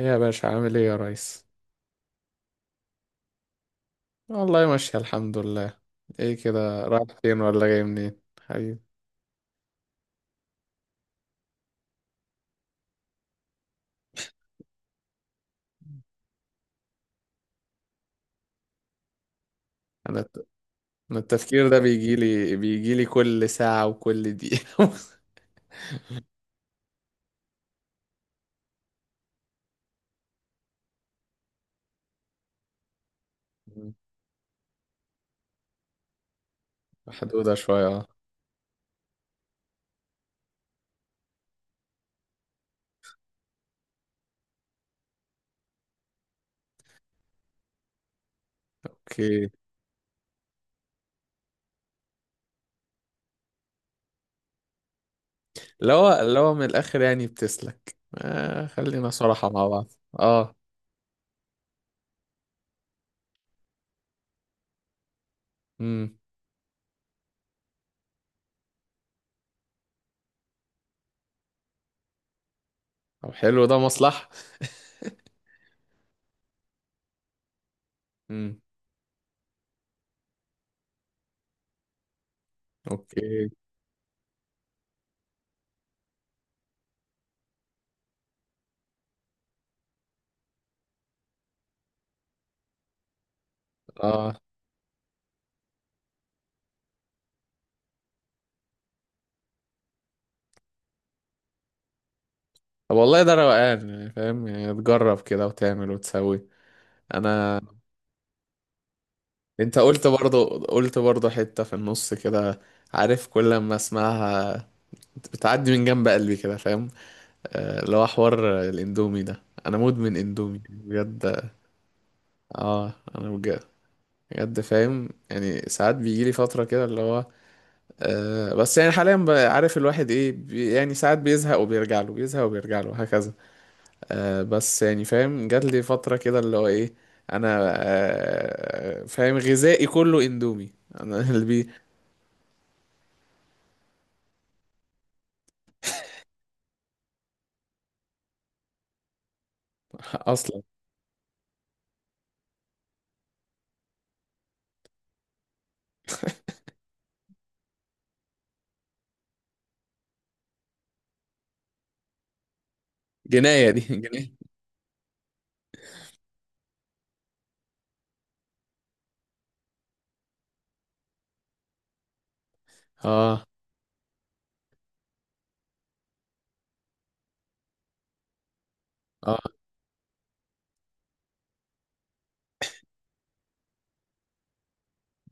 إيه يا باشا، عامل ايه يا ريس؟ والله ماشي الحمد لله. ايه كده، رايح فين ولا جاي منين حبيبي؟ انا الت- أنا التفكير ده بيجي لي كل ساعة وكل دقيقة. محدودة شوية، اه. اوكي. لو من الاخر يعني بتسلك، آه خلينا صراحة مع بعض. اه. امم طب حلو ده مصلحة. امم اوكي. اه. طب والله ده روقان، يعني فاهم يعني تجرب كده وتعمل وتسوي. انا انت قلت برضو، حتة في النص كده، عارف كل ما اسمعها بتعدي من جنب قلبي كده، فاهم آه، اللي هو حوار الاندومي ده، انا مدمن اندومي بجد. اه انا بجد. بجد فاهم يعني ساعات بيجيلي فترة كده اللي هو آه، بس يعني حاليا بقى عارف الواحد ايه بي، يعني ساعات بيزهق وبيرجع له، بيزهق وبيرجع له، هكذا. آه بس يعني فاهم، جات لي فترة كده اللي هو ايه، انا آه فاهم غذائي كله اندومي. انا اللي بي. اصلا جناية دي جناية. اه. اه.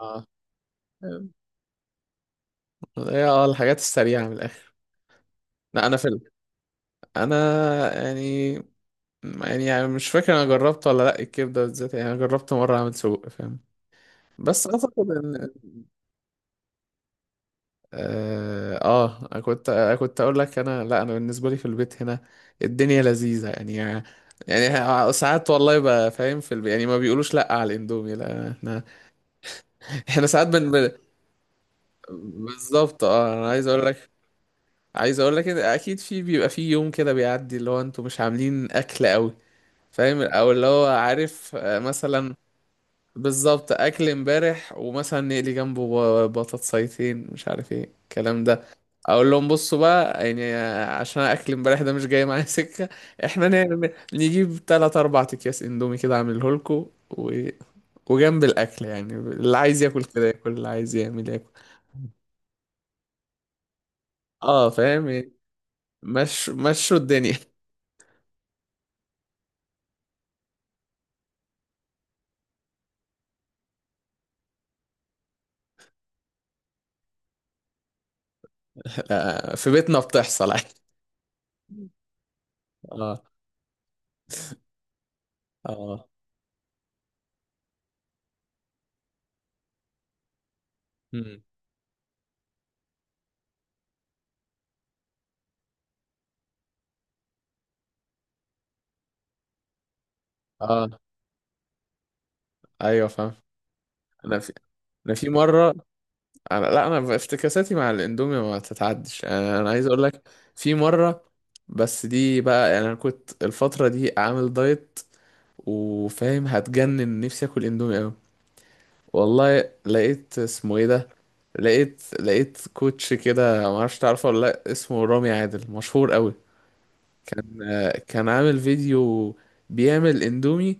اه. هي اه الحاجات السريعة من الآخر. لا أنا فيلم. أنا يعني، مش فاكر أنا جربت ولا لأ الكبدة بالذات، يعني أنا جربت مرة أعمل سجق، فاهم؟ بس أعتقد إن آه, آه كنت أقول لك، أنا لأ، أنا بالنسبة لي في البيت هنا الدنيا لذيذة يعني. يعني ساعات والله بقى فاهم في البيت يعني ما بيقولوش لأ على الإندومي، لأ، إحنا ساعات بالظبط اه انا عايز اقول لك، عايز اقول لك إن اكيد في بيبقى في يوم كده بيعدي اللي هو انتوا مش عاملين اكل قوي، فاهم؟ او اللي هو عارف آه، مثلا بالظبط اكل امبارح، ومثلا نقلي جنبه بطاطسيتين مش عارف ايه الكلام ده، اقول لهم بصوا بقى يعني آه، عشان اكل امبارح ده مش جاي معايا سكه. احنا نعمل نجيب تلات اربع اكياس اندومي كده اعمله لكم و... وجنب الاكل يعني، اللي عايز ياكل كده ياكل، اللي عايز يعمل ياكل. اه فاهم. مشوا الدنيا. آه، في بيتنا بتحصل عادي. اه. اه. مم. اه. ايوه فاهم. انا في انا في مره، انا لا، انا بافتكاساتي مع الاندومي ما تتعدش، انا أنا عايز اقول لك في مره، بس دي بقى يعني انا كنت الفتره دي عامل دايت، وفاهم هتجنن نفسي اكل اندومي قوي، والله لقيت اسمه ايه ده، لقيت كوتش كده، ما اعرفش تعرفه ولا لا، اسمه رامي عادل مشهور قوي، كان عامل فيديو بيعمل اندومي،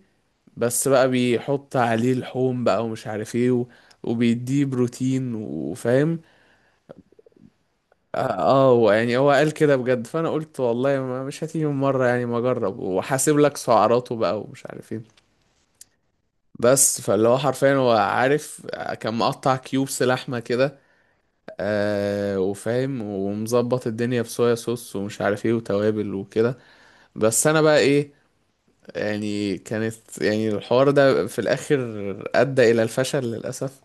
بس بقى بيحط عليه لحوم بقى ومش عارف ايه و... وبيديه بروتين، وفاهم اه آه، يعني هو قال كده بجد، فانا قلت والله ما مش هتيجي من مره يعني، ما اجرب وحاسب لك سعراته بقى، ومش عارف ايه. بس فاللي هو حرفيا هو عارف آه، كان مقطع كيوبس لحمه كده، آه وفاهم ومظبط الدنيا بصويا صوص ومش عارف ايه وتوابل وكده. بس انا بقى ايه، يعني كانت يعني الحوار ده في الاخر ادى الى الفشل للاسف.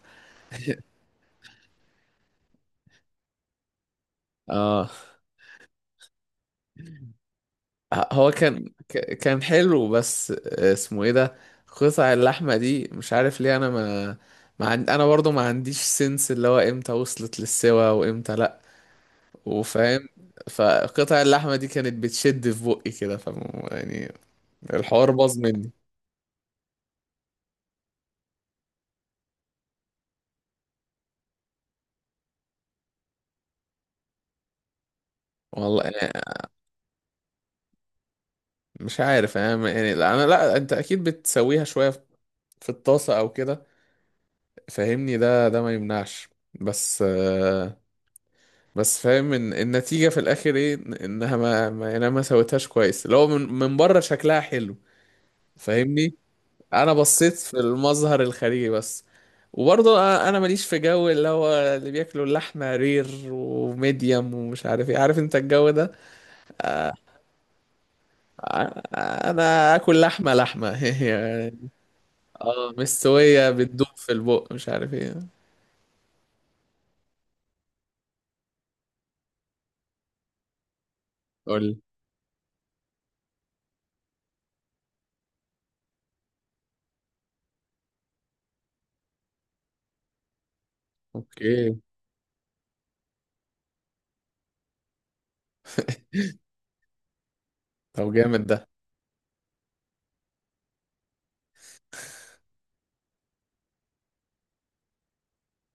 اه هو كان كان حلو بس آه، اسمه ايه ده، قطع اللحمة دي مش عارف ليه، انا برضو ما عنديش سنس اللي هو امتى وصلت للسوا وامتى لا، وفاهم فقطع اللحمة دي كانت بتشد في بقي كده، ف يعني الحوار باظ مني. والله يعني مش عارف انا يعني، لا انا، لا انت اكيد بتسويها شوية في الطاسة او كده، فاهمني؟ ده ما يمنعش، بس آه، بس فاهم ان النتيجة في الاخر ايه، إن- انها ما يعني انا ما سويتهاش كويس، لو من بره شكلها حلو، فاهمني؟ انا بصيت في المظهر الخارجي بس، وبرضه انا ماليش في جو اللي هو اللي بياكلوا اللحمة رير وميديم ومش عارف ايه، عارف انت الجو ده؟ ع- انا اكل لحمة، لحمة يعني. اه مستوية، بتدوب في البق مش عارف ايه. قول لي. اوكي. طب جامد ده.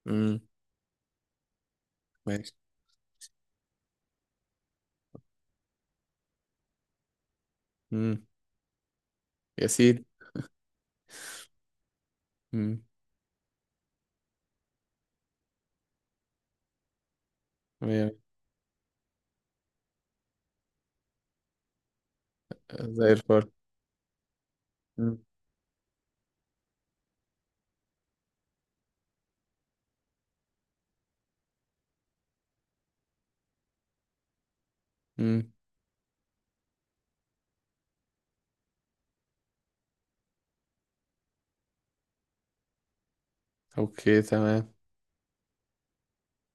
امم ماشي. امم يا سيدي. امم زي الفل. مم. مم. اوكي تمام.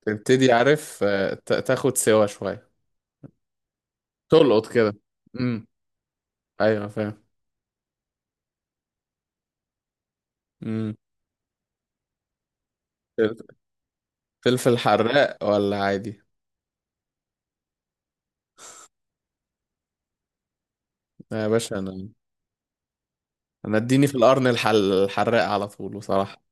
تبتدي عارف آه، تاخد سوا شوية، تلقط كده. امم ايوه فاهم. امم فلفل حراق ولا عادي؟ لا يا باشا، انا انا اديني في القرن الحراق على طول بصراحة.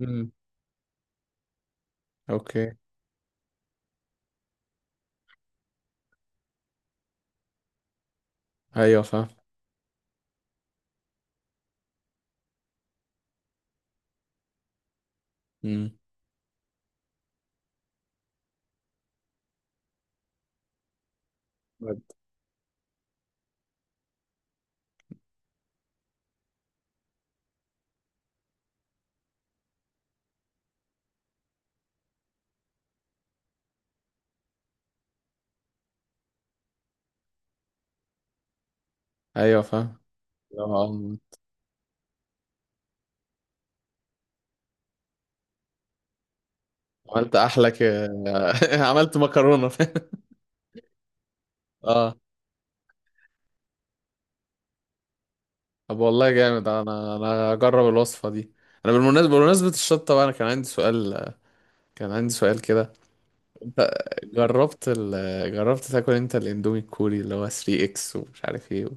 امم اوكي. ايوه فاهم. امم ايوه فاهم. لو عم- عملت احلى عملت مكرونة اه. طب والله جامد، انا انا هجرب الوصفة دي. انا بالمناسبة، بمناسبة الشطة بقى، انا كان عندي سؤال، كان عندي سؤال كده، انت جربت جربت تاكل انت الاندومي الكوري اللي هو 3 اكس ومش عارف ايه و...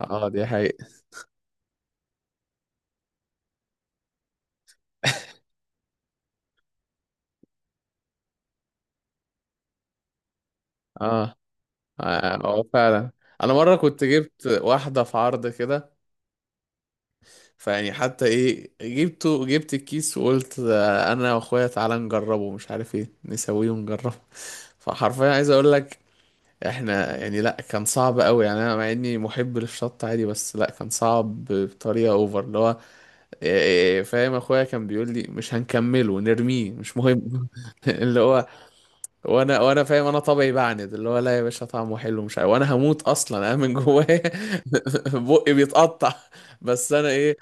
اه دي حقيقة. اه. اه فعلا. انا مرة كنت جبت واحدة في عرض كده، فيعني حتى ايه جبته، جبت الكيس وقلت اه، انا واخويا تعالى نجربه مش عارف ايه نسويه ونجربه. فحرفيا عايز اقول لك، احنا يعني لا، كان صعب قوي، يعني انا مع اني محب للشط عادي، بس لا كان صعب بطريقة اوفر اللي هو إيه، إيه، إيه، فاهم؟ اخويا كان بيقول لي مش هنكمله نرميه مش مهم. اللي هو وانا فاهم انا طبعي بعند، اللي هو لا يا باشا طعمه حلو مش عارف، وانا هموت اصلا انا من جوايا. بقي بيتقطع. بس انا ايه،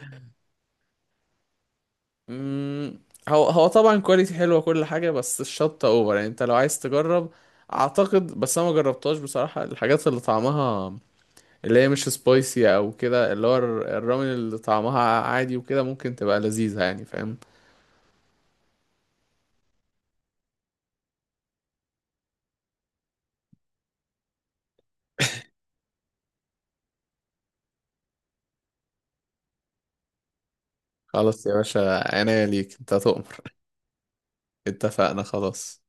مم، هو طبعا كواليتي حلوه كل حاجه، بس الشطه اوفر يعني، انت لو عايز تجرب اعتقد، بس انا ما جربتهاش بصراحه. الحاجات اللي طعمها، اللي هي مش سبايسي او كده، اللي هو الرامن اللي طعمها عادي وكده، ممكن تبقى لذيذه يعني، فاهم؟ خلاص يا باشا، عناية ليك، انت تؤمر. اتفقنا خلاص.